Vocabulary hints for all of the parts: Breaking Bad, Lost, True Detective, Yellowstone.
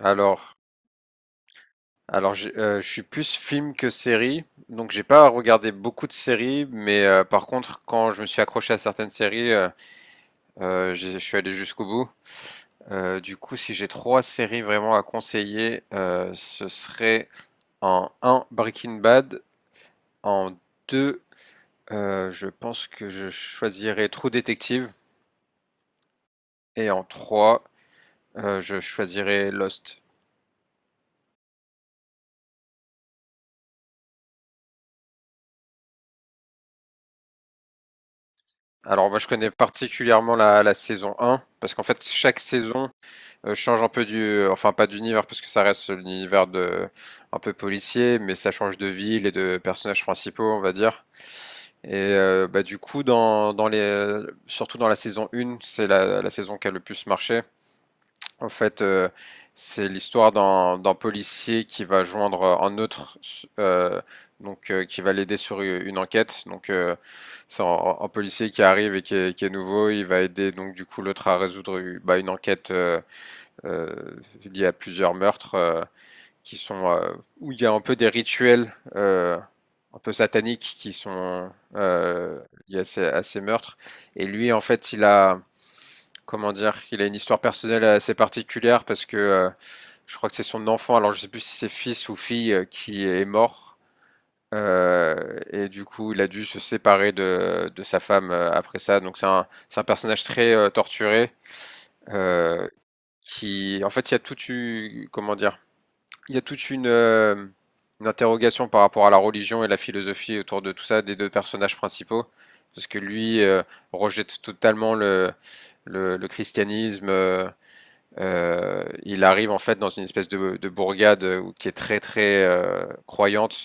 Alors, alors, je suis plus film que série, donc j'ai pas regardé beaucoup de séries, mais par contre, quand je me suis accroché à certaines séries, je suis allé jusqu'au bout. Du coup, si j'ai trois séries vraiment à conseiller, ce serait en un Breaking Bad, en 2 je pense que je choisirais True Detective, et en 3 je choisirais Lost. Alors moi je connais particulièrement la saison un parce qu'en fait chaque saison change un peu du, enfin pas d'univers parce que ça reste l'univers de un peu policier, mais ça change de ville et de personnages principaux, on va dire. Et bah, du coup, surtout dans la saison 1, c'est la saison qui a le plus marché. En fait, c'est l'histoire d'un policier qui va joindre un autre, euh, donc qui va l'aider sur une enquête. Donc c'est un policier qui arrive et qui est nouveau, il va aider donc du coup l'autre à résoudre bah, une enquête euh, il y a plusieurs meurtres qui sont où il y a un peu des rituels un peu sataniques qui sont euh, liés à ces meurtres. Et lui, en fait, comment dire, il a une histoire personnelle assez particulière parce que je crois que c'est son enfant, alors je sais plus si c'est fils ou fille qui est mort. Et du coup, il a dû se séparer de sa femme après ça. Donc c'est un personnage très torturé euh, qui, en fait, il y a tout eu, comment dire, il y a toute une interrogation par rapport à la religion et la philosophie autour de tout ça des deux personnages principaux, parce que lui rejette totalement le christianisme. Il arrive en fait dans une espèce de bourgade qui est très très croyante,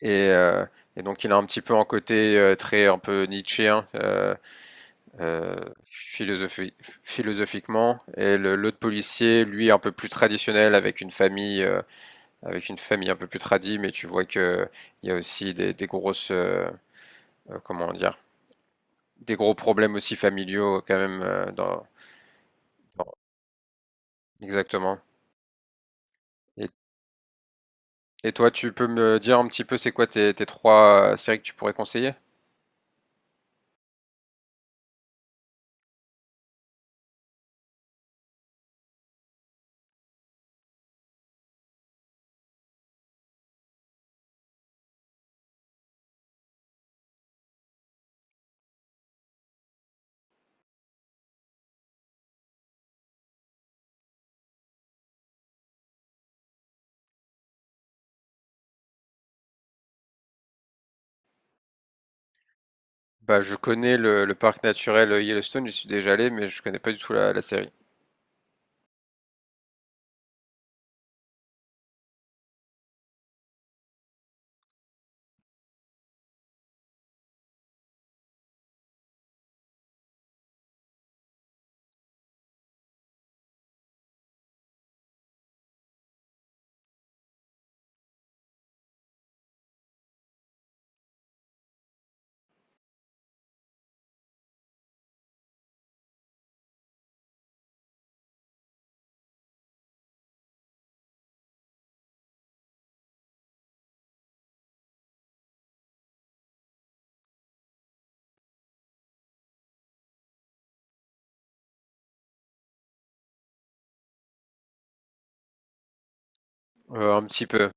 et, euh, et donc il a un petit peu un côté très un peu nietzschéen, euh, philosophiquement, et l'autre policier lui un peu plus traditionnel avec une famille un peu plus tradie, mais tu vois que il y a aussi des grosses, comment dire, des gros problèmes aussi familiaux quand même dans, dans- exactement. Et, et toi, tu peux me dire un petit peu c'est quoi tes, tes trois séries que tu pourrais conseiller? Bah, je connais le parc naturel Yellowstone, j'y suis déjà allé, mais je connais pas du tout la, la série. Un petit peu.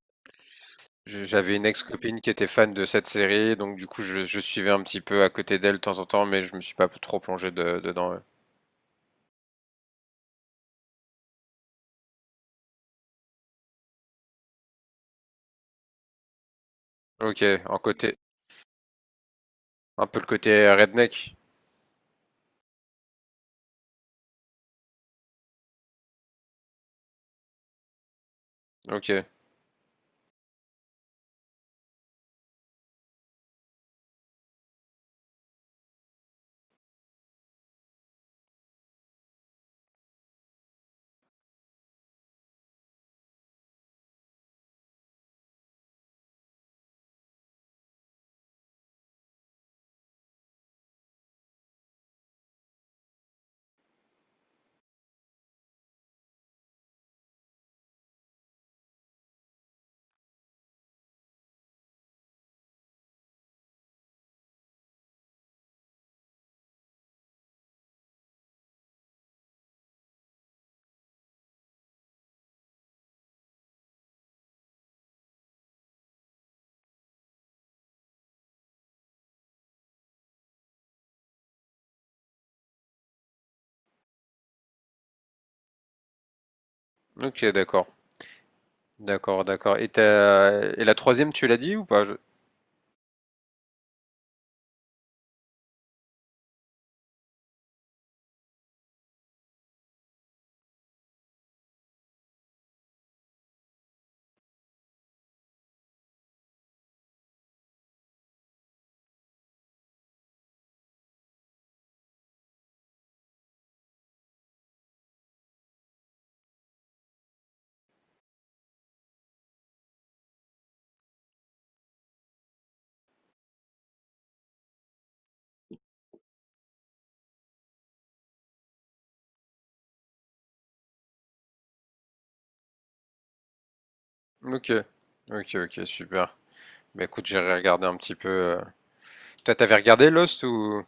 J'avais une ex-copine qui était fan de cette série, donc du coup je suivais un petit peu à côté d'elle de temps en temps, mais je me suis pas trop plongé dedans. Ouais. Ok, en côté, un peu le côté redneck. Ok, ok, d'accord, d'accord, d'accord. Et et la troisième, tu l'as dit ou pas? Ok, ok, ok, super. Bah écoute, j'irai regarder un petit peu. Toi, t'avais regardé Lost ou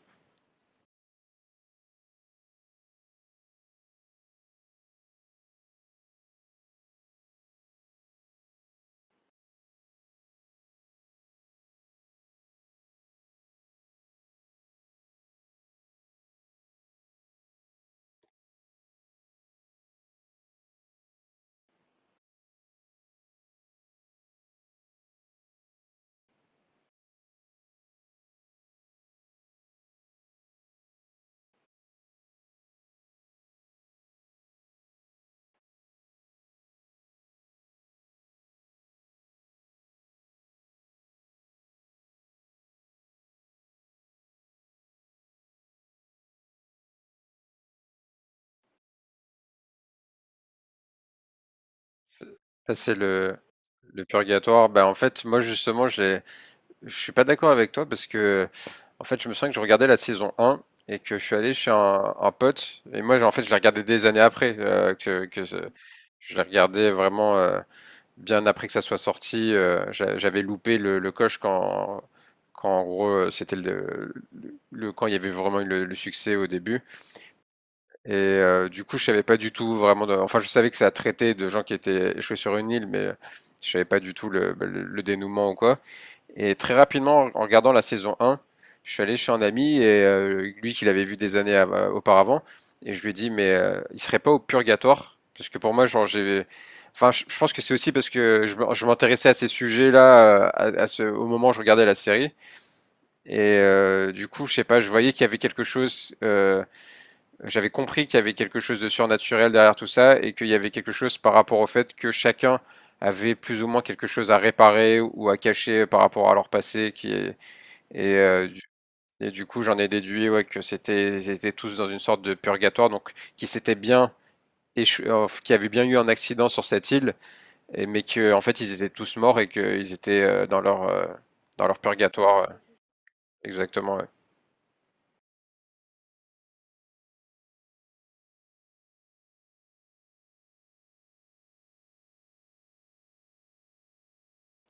ça c'est le purgatoire? Bah en fait, moi justement, je suis pas d'accord avec toi parce que en fait, je me souviens que je regardais la saison un et que je suis allé chez un pote et moi, en fait, je l'ai regardé des années après je l'ai regardé vraiment. Bien après que ça soit sorti, j'avais loupé le coche quand en gros c'était quand il y avait vraiment eu le succès au début. Et du coup, je savais pas du tout vraiment. Enfin, je savais que ça traitait de gens qui étaient échoués sur une île, mais je savais pas du tout bah, le dénouement ou quoi. Et très rapidement, en regardant la saison 1, je suis allé chez un ami, et lui qui l'avait vu des années auparavant, et je lui ai dit, mais il serait pas au purgatoire? Parce que pour moi, genre, Enfin, je pense que c'est aussi parce que je m'intéressais à ces sujets-là, à ce, au moment où je regardais la série. Et du coup, je sais pas, je voyais qu'il y avait quelque chose, j'avais compris qu'il y avait quelque chose de surnaturel derrière tout ça et qu'il y avait quelque chose par rapport au fait que chacun avait plus ou moins quelque chose à réparer ou à cacher par rapport à leur passé qui est, et, euh, du, et du coup, j'en ai déduit ouais, que c'était, ils étaient tous dans une sorte de purgatoire, donc qui s'étaient bien qui avaient bien eu un accident sur cette île, et, mais que en fait ils étaient tous morts et qu'ils étaient dans leur purgatoire. Ouais. Exactement. Ouais.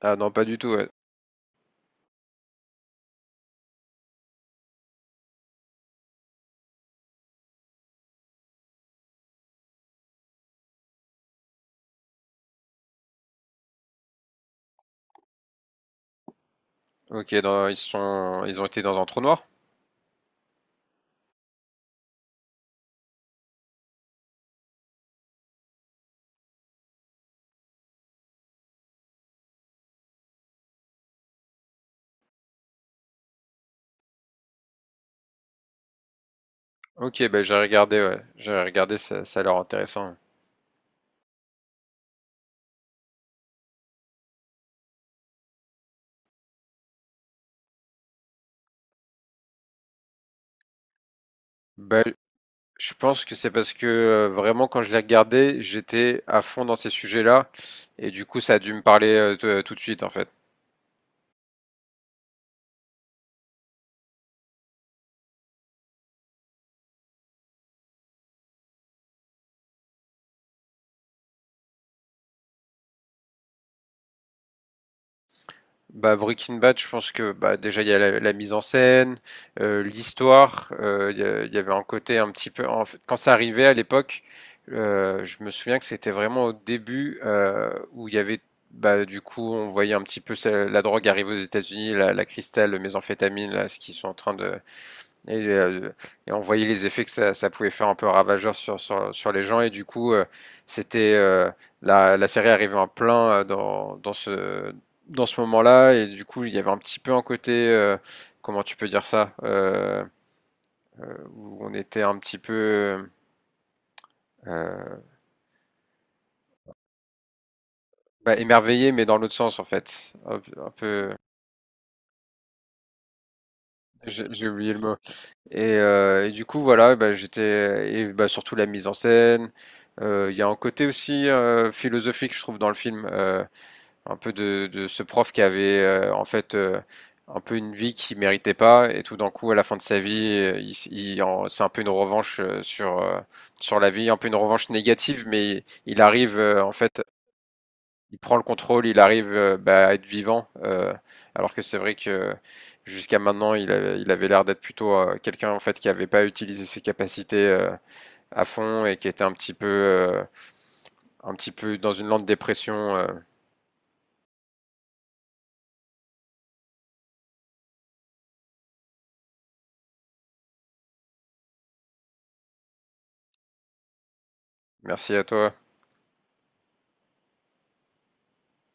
Ah non, pas du tout. Ouais. Ok, ils sont, ils ont été dans un trou noir. Ok, ben j'ai regardé, ouais. J'ai regardé, ça a l'air intéressant. Ouais. Bah, je pense que c'est parce que vraiment quand je l'ai regardé, j'étais à fond dans ces sujets-là et du coup ça a dû me parler tout de suite en fait. Bah Breaking Bad, je pense que bah déjà il y a la, la mise en scène, l'histoire, il y avait un côté un petit peu en fait quand ça arrivait à l'époque, je me souviens que c'était vraiment au début où il y avait bah du coup on voyait un petit peu la drogue arriver aux États-Unis, la cristal, le méthamphétamine là, ce qu'ils sont en train de. Et, euh, et on voyait les effets que ça pouvait faire un peu ravageur sur, sur, sur les gens. Et du coup, c'était la, la série arrivait en plein dans, dans ce moment-là. Et du coup, il y avait un petit peu un côté, comment tu peux dire ça, où on était un petit peu euh, bah, émerveillé, mais dans l'autre sens, en fait. Un peu, j'ai oublié le mot. Et du coup, voilà, bah, j'étais et bah, surtout la mise en scène. Il y a un côté aussi philosophique, je trouve, dans le film, un peu de ce prof qui avait en fait un peu une vie qu'il méritait pas, et tout d'un coup, à la fin de sa vie, c'est un peu une revanche sur la vie, un peu une revanche négative, mais arrive en fait il prend le contrôle, il arrive bah, à être vivant, alors que c'est vrai que jusqu'à maintenant, il avait l'air d'être plutôt quelqu'un en fait qui n'avait pas utilisé ses capacités à fond et qui était un petit peu dans une lente dépression. Merci à toi.